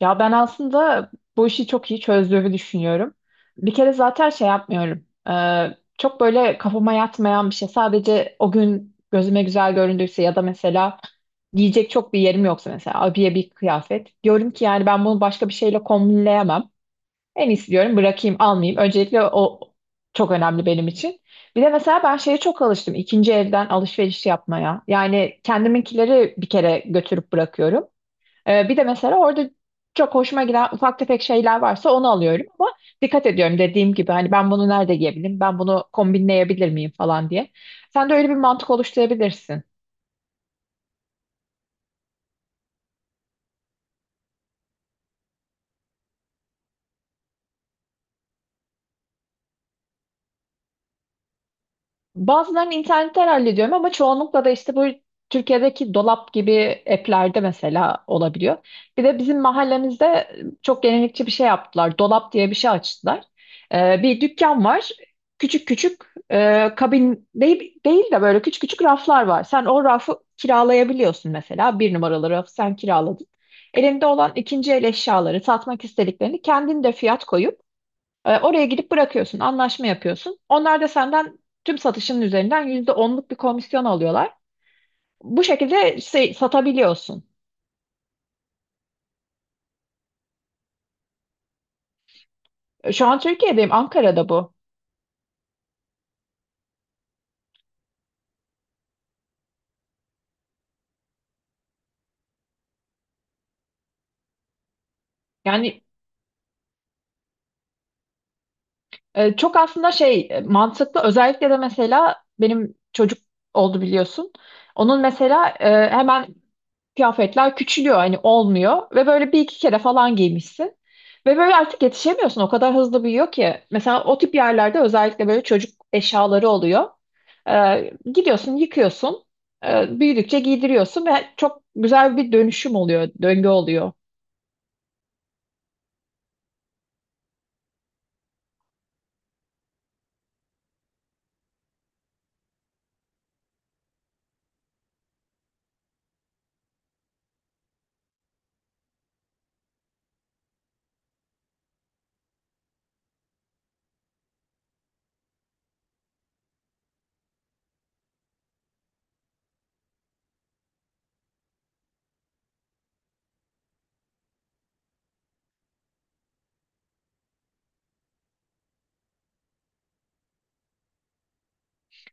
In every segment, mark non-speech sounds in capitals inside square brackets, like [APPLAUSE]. Ya ben aslında bu işi çok iyi çözdüğümü düşünüyorum. Bir kere zaten şey yapmıyorum. Çok böyle kafama yatmayan bir şey. Sadece o gün gözüme güzel göründüyse ya da mesela giyecek çok bir yerim yoksa mesela abiye bir kıyafet. Diyorum ki yani ben bunu başka bir şeyle kombinleyemem. En iyisi diyorum bırakayım almayayım. Öncelikle o çok önemli benim için. Bir de mesela ben şeye çok alıştım. İkinci elden alışveriş yapmaya. Yani kendiminkileri bir kere götürüp bırakıyorum. Bir de mesela orada çok hoşuma giden ufak tefek şeyler varsa onu alıyorum ama dikkat ediyorum dediğim gibi hani ben bunu nerede giyebilirim, ben bunu kombinleyebilir miyim falan diye. Sen de öyle bir mantık oluşturabilirsin. Bazılarını internetten hallediyorum ama çoğunlukla da işte bu Türkiye'deki dolap gibi app'lerde mesela olabiliyor. Bir de bizim mahallemizde çok gelenekçi bir şey yaptılar. Dolap diye bir şey açtılar. Bir dükkan var. Küçük küçük kabin değil de böyle küçük küçük raflar var. Sen o rafı kiralayabiliyorsun mesela. Bir numaralı rafı sen kiraladın. Elinde olan ikinci el eşyaları, satmak istediklerini kendin de fiyat koyup oraya gidip bırakıyorsun, anlaşma yapıyorsun. Onlar da senden tüm satışının üzerinden %10'luk bir komisyon alıyorlar. Bu şekilde satabiliyorsun. Şu an Türkiye'deyim, Ankara'da bu. Yani çok aslında mantıklı. Özellikle de mesela benim çocuk oldu biliyorsun. Onun mesela hemen kıyafetler küçülüyor, hani olmuyor ve böyle bir iki kere falan giymişsin. Ve böyle artık yetişemiyorsun. O kadar hızlı büyüyor ki. Mesela o tip yerlerde özellikle böyle çocuk eşyaları oluyor. Gidiyorsun, yıkıyorsun, büyüdükçe giydiriyorsun ve çok güzel bir dönüşüm oluyor, döngü oluyor.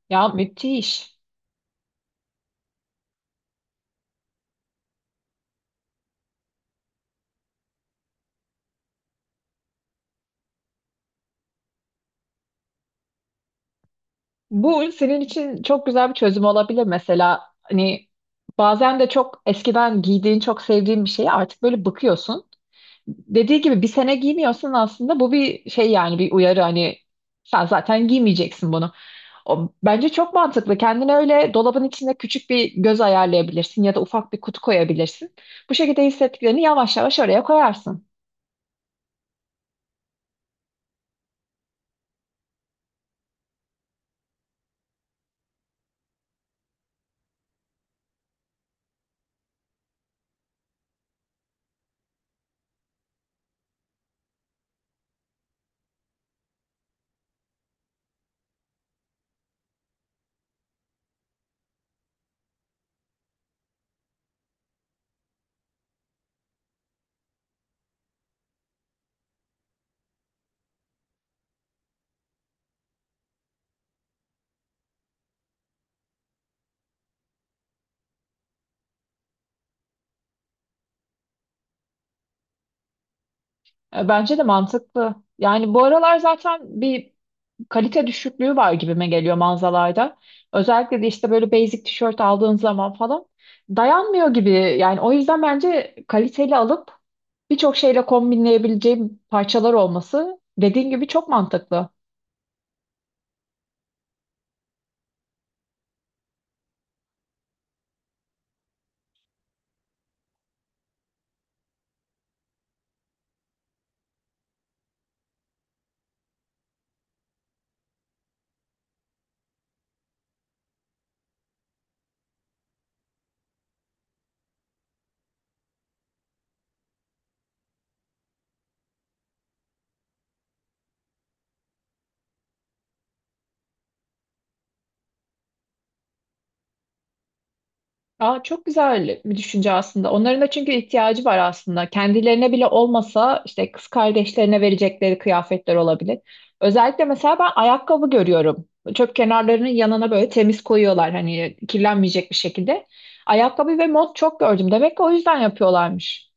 Ya müthiş. Bu senin için çok güzel bir çözüm olabilir mesela. Hani bazen de çok eskiden giydiğin, çok sevdiğin bir şeye artık böyle bakıyorsun. Dediği gibi bir sene giymiyorsun aslında, bu bir şey yani, bir uyarı hani sen zaten giymeyeceksin bunu. O, bence çok mantıklı. Kendine öyle dolabın içinde küçük bir göz ayarlayabilirsin ya da ufak bir kutu koyabilirsin. Bu şekilde hissettiklerini yavaş yavaş oraya koyarsın. Bence de mantıklı. Yani bu aralar zaten bir kalite düşüklüğü var gibime geliyor mağazalarda. Özellikle de işte böyle basic tişört aldığın zaman falan dayanmıyor gibi. Yani o yüzden bence kaliteli alıp birçok şeyle kombinleyebileceğim parçalar olması dediğin gibi çok mantıklı. Aa, çok güzel bir düşünce aslında. Onların da çünkü ihtiyacı var aslında. Kendilerine bile olmasa işte kız kardeşlerine verecekleri kıyafetler olabilir. Özellikle mesela ben ayakkabı görüyorum. Çöp kenarlarının yanına böyle temiz koyuyorlar hani kirlenmeyecek bir şekilde. Ayakkabı ve mont çok gördüm. Demek ki o yüzden yapıyorlarmış.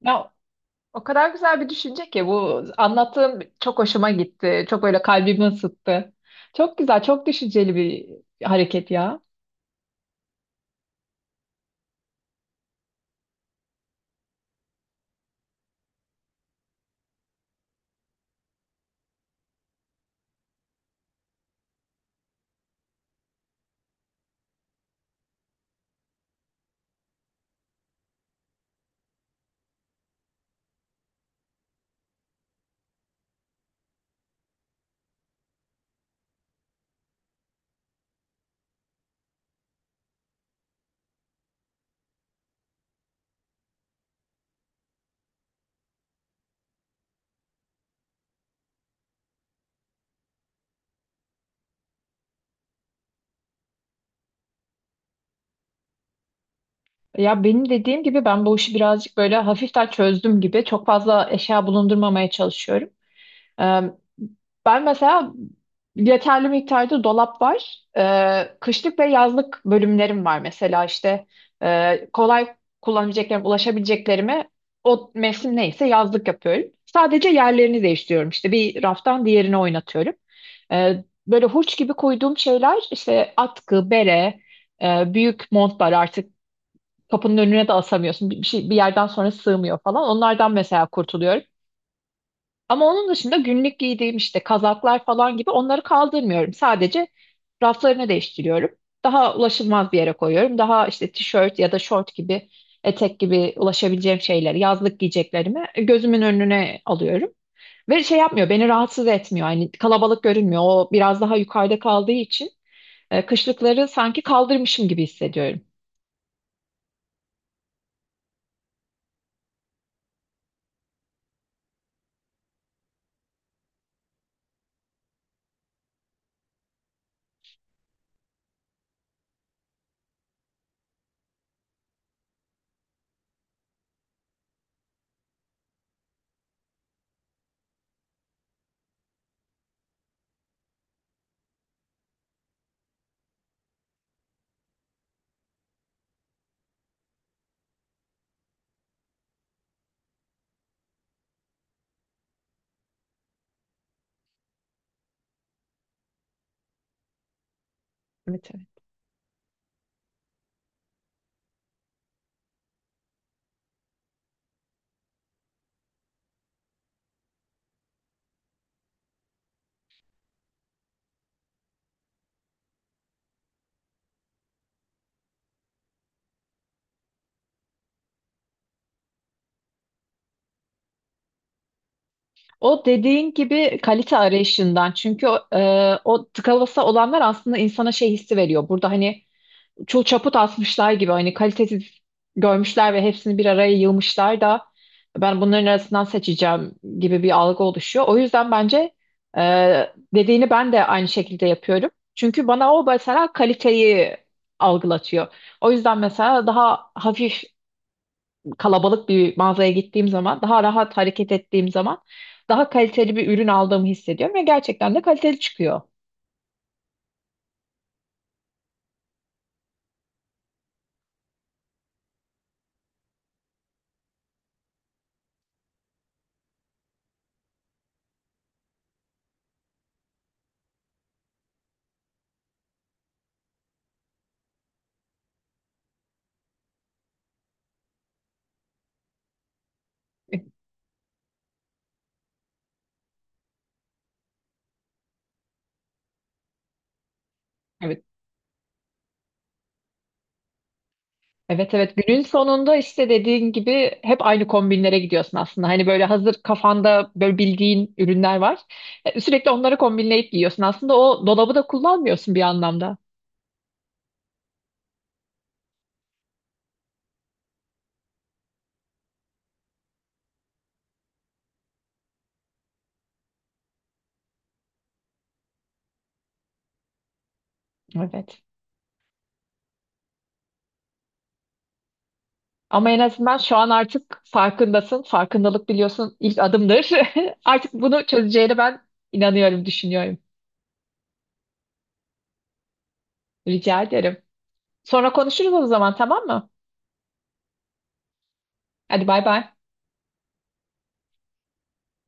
Ya o kadar güzel bir düşünce ki bu, anlattığım çok hoşuma gitti. Çok böyle kalbimi ısıttı. Çok güzel, çok düşünceli bir hareket ya. Ya benim dediğim gibi ben bu işi birazcık böyle hafiften çözdüm gibi. Çok fazla eşya bulundurmamaya çalışıyorum. Ee, Ben mesela yeterli miktarda dolap var. Kışlık ve yazlık bölümlerim var mesela işte. Kolay kullanabileceklerim, ulaşabileceklerimi o mevsim neyse yazlık yapıyorum. Sadece yerlerini değiştiriyorum, işte bir raftan diğerine oynatıyorum. Böyle hurç gibi koyduğum şeyler işte atkı, bere, büyük montlar artık kapının önüne de asamıyorsun. Bir şey bir yerden sonra sığmıyor falan. Onlardan mesela kurtuluyorum. Ama onun dışında günlük giydiğim işte kazaklar falan gibi, onları kaldırmıyorum. Sadece raflarını değiştiriyorum. Daha ulaşılmaz bir yere koyuyorum. Daha işte tişört ya da şort gibi, etek gibi ulaşabileceğim şeyleri, yazlık giyeceklerimi gözümün önüne alıyorum. Ve şey yapmıyor, beni rahatsız etmiyor. Yani kalabalık görünmüyor. O biraz daha yukarıda kaldığı için. Kışlıkları sanki kaldırmışım gibi hissediyorum. Evet, evet. O dediğin gibi kalite arayışından, çünkü o tıka basa olanlar aslında insana şey hissi veriyor. Burada hani çul çaput asmışlar gibi, hani kalitesiz görmüşler ve hepsini bir araya yığmışlar da ben bunların arasından seçeceğim gibi bir algı oluşuyor. O yüzden bence dediğini ben de aynı şekilde yapıyorum. Çünkü bana o mesela kaliteyi algılatıyor. O yüzden mesela daha hafif kalabalık bir mağazaya gittiğim zaman, daha rahat hareket ettiğim zaman daha kaliteli bir ürün aldığımı hissediyorum ve gerçekten de kaliteli çıkıyor. Evet, evet, evet, günün sonunda işte dediğin gibi hep aynı kombinlere gidiyorsun aslında. Hani böyle hazır kafanda böyle bildiğin ürünler var. Sürekli onları kombinleyip giyiyorsun. Aslında o dolabı da kullanmıyorsun bir anlamda. Evet. Ama en azından şu an artık farkındasın. Farkındalık biliyorsun ilk adımdır. [LAUGHS] Artık bunu çözeceğine ben inanıyorum, düşünüyorum. Rica ederim. Sonra konuşuruz o zaman, tamam mı? Hadi bay bay.